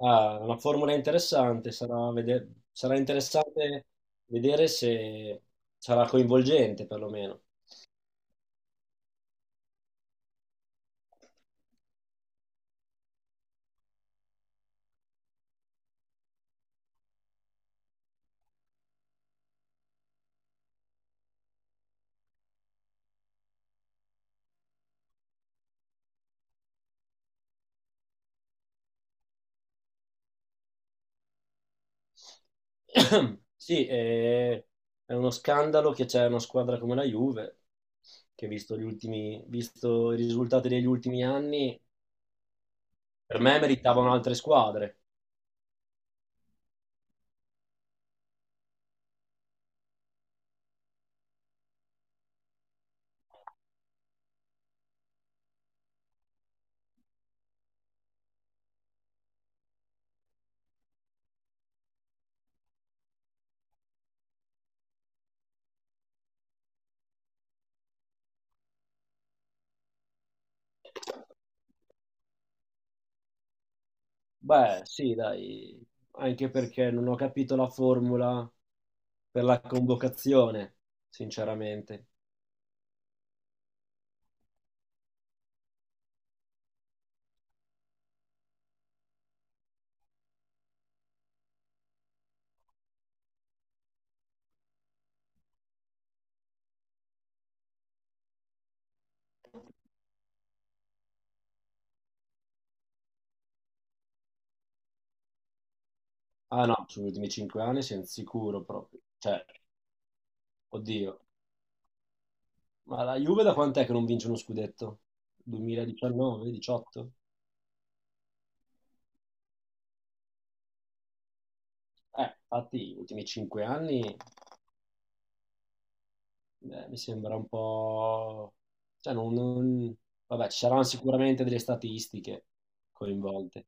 Ah, una formula interessante, sarà, sarà interessante vedere se sarà coinvolgente perlomeno. Sì, è uno scandalo che c'è una squadra come la Juve, che visto i risultati degli ultimi anni, per me meritavano altre squadre. Beh, sì, dai, anche perché non ho capito la formula per la convocazione, sinceramente. Ah no, sugli ultimi cinque anni siamo sicuro proprio. Cioè, oddio. Ma la Juve da quant'è che non vince uno scudetto? 2019, 18? Infatti, gli ultimi cinque anni mi sembra un po'... Cioè, vabbè, ci saranno sicuramente delle statistiche coinvolte.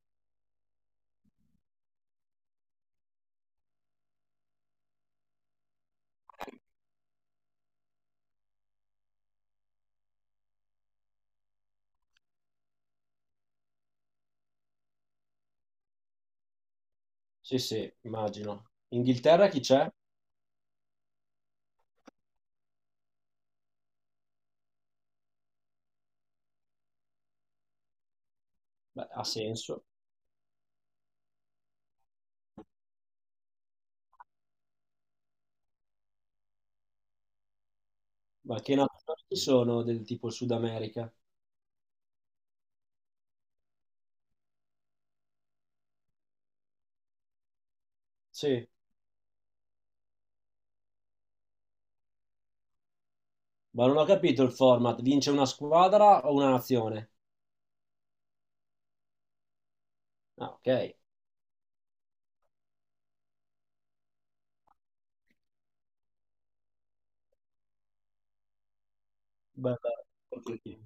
Sì, sì, immagino. Inghilterra chi c'è? Beh, ha senso. Ma che nazioni ci sono del tipo Sud America? Sì, ma non ho capito il format. Vince una squadra o una nazione? Ah, ok. Bella Argentina.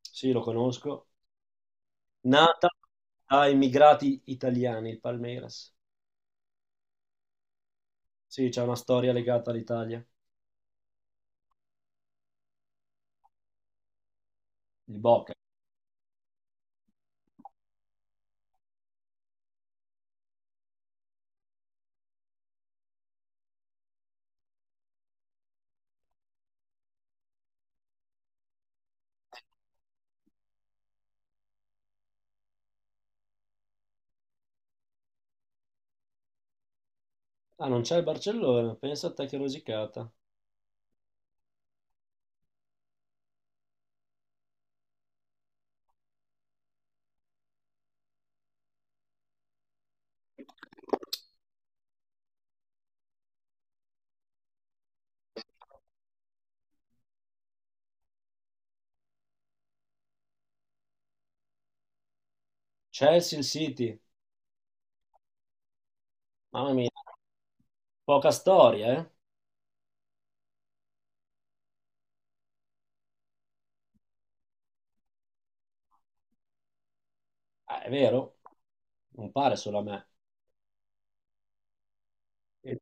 Sì, lo conosco. Nata da immigrati italiani, il Palmeiras. Sì, c'è una storia legata all'Italia. Il Boca. Ah, non c'è il Barcellona. Pensa a te che rosicata. Chelsea, il City. Mamma mia, poca storia, eh? Ah, è vero, non pare solo a me. E-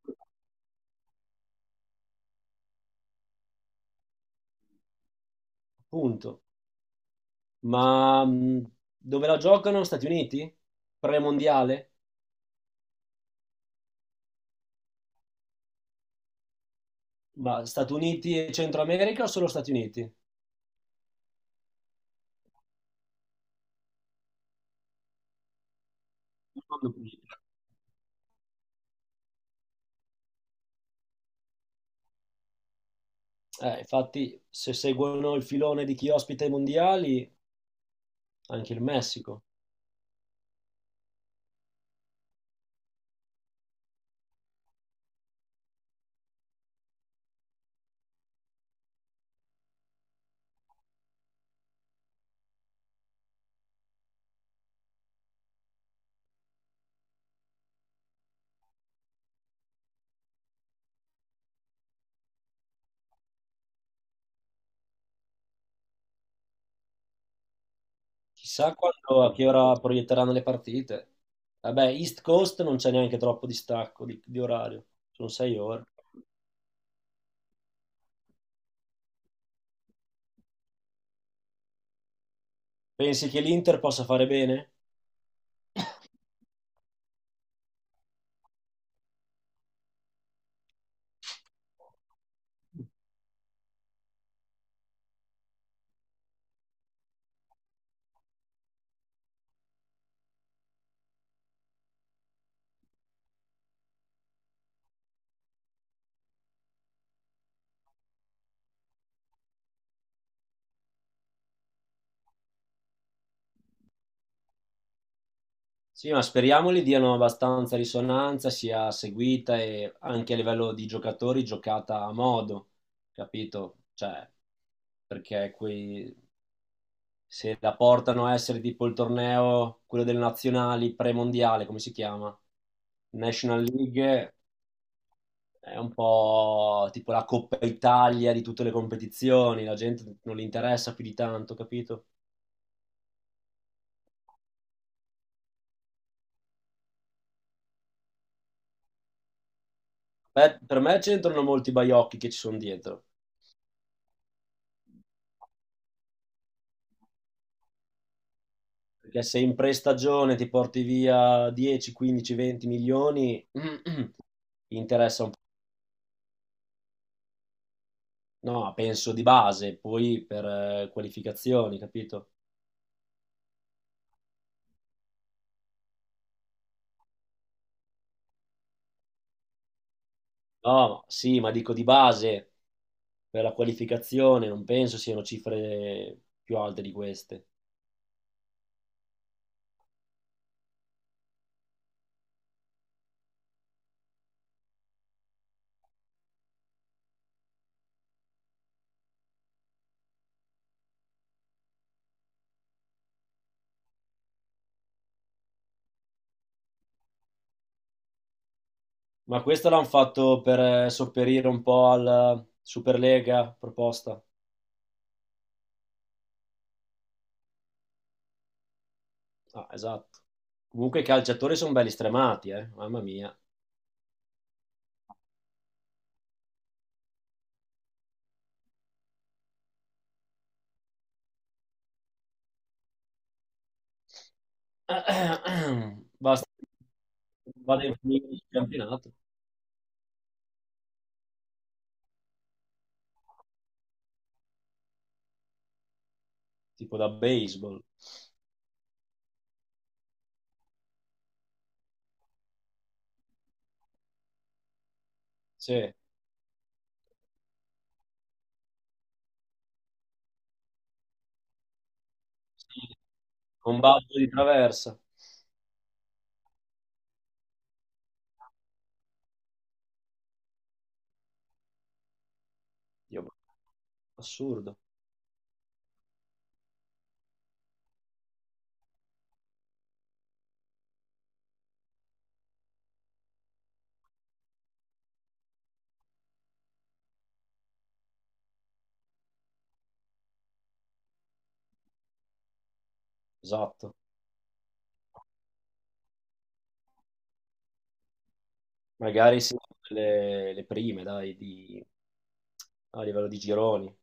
Appunto. Ma dove la giocano? Stati Uniti? Premondiale? Ma Stati Uniti e Centro America o solo Stati Uniti? Secondo punito. Infatti, se seguono il filone di chi ospita i mondiali, anche il Messico. Chissà quando, a che ora proietteranno le partite. Vabbè, East Coast non c'è neanche troppo distacco di, orario, sono sei ore. Pensi che l'Inter possa fare bene? Sì, ma speriamo gli diano abbastanza risonanza, sia seguita e anche a livello di giocatori giocata a modo, capito? Cioè, perché quei se la portano a essere tipo il torneo, quello delle nazionali premondiale, come si chiama? National League è un po' tipo la Coppa Italia di tutte le competizioni, la gente non li interessa più di tanto, capito? Beh, per me c'entrano molti baiocchi che ci sono dietro, perché se in prestagione ti porti via 10, 15, 20 milioni, interessa un po'. No, penso di base, poi per qualificazioni, capito? No, sì, ma dico di base, per la qualificazione, non penso siano cifre più alte di queste. Ma questo l'hanno fatto per sopperire un po' alla Superlega proposta. Ah, esatto. Comunque i calciatori sono belli stremati, eh? Mamma mia. Vado in finire il campionato, tipo da baseball. Sì, sì. Combatto di traversa. Dio, assurdo. Esatto. Magari sì, le prime, dai, a livello di gironi.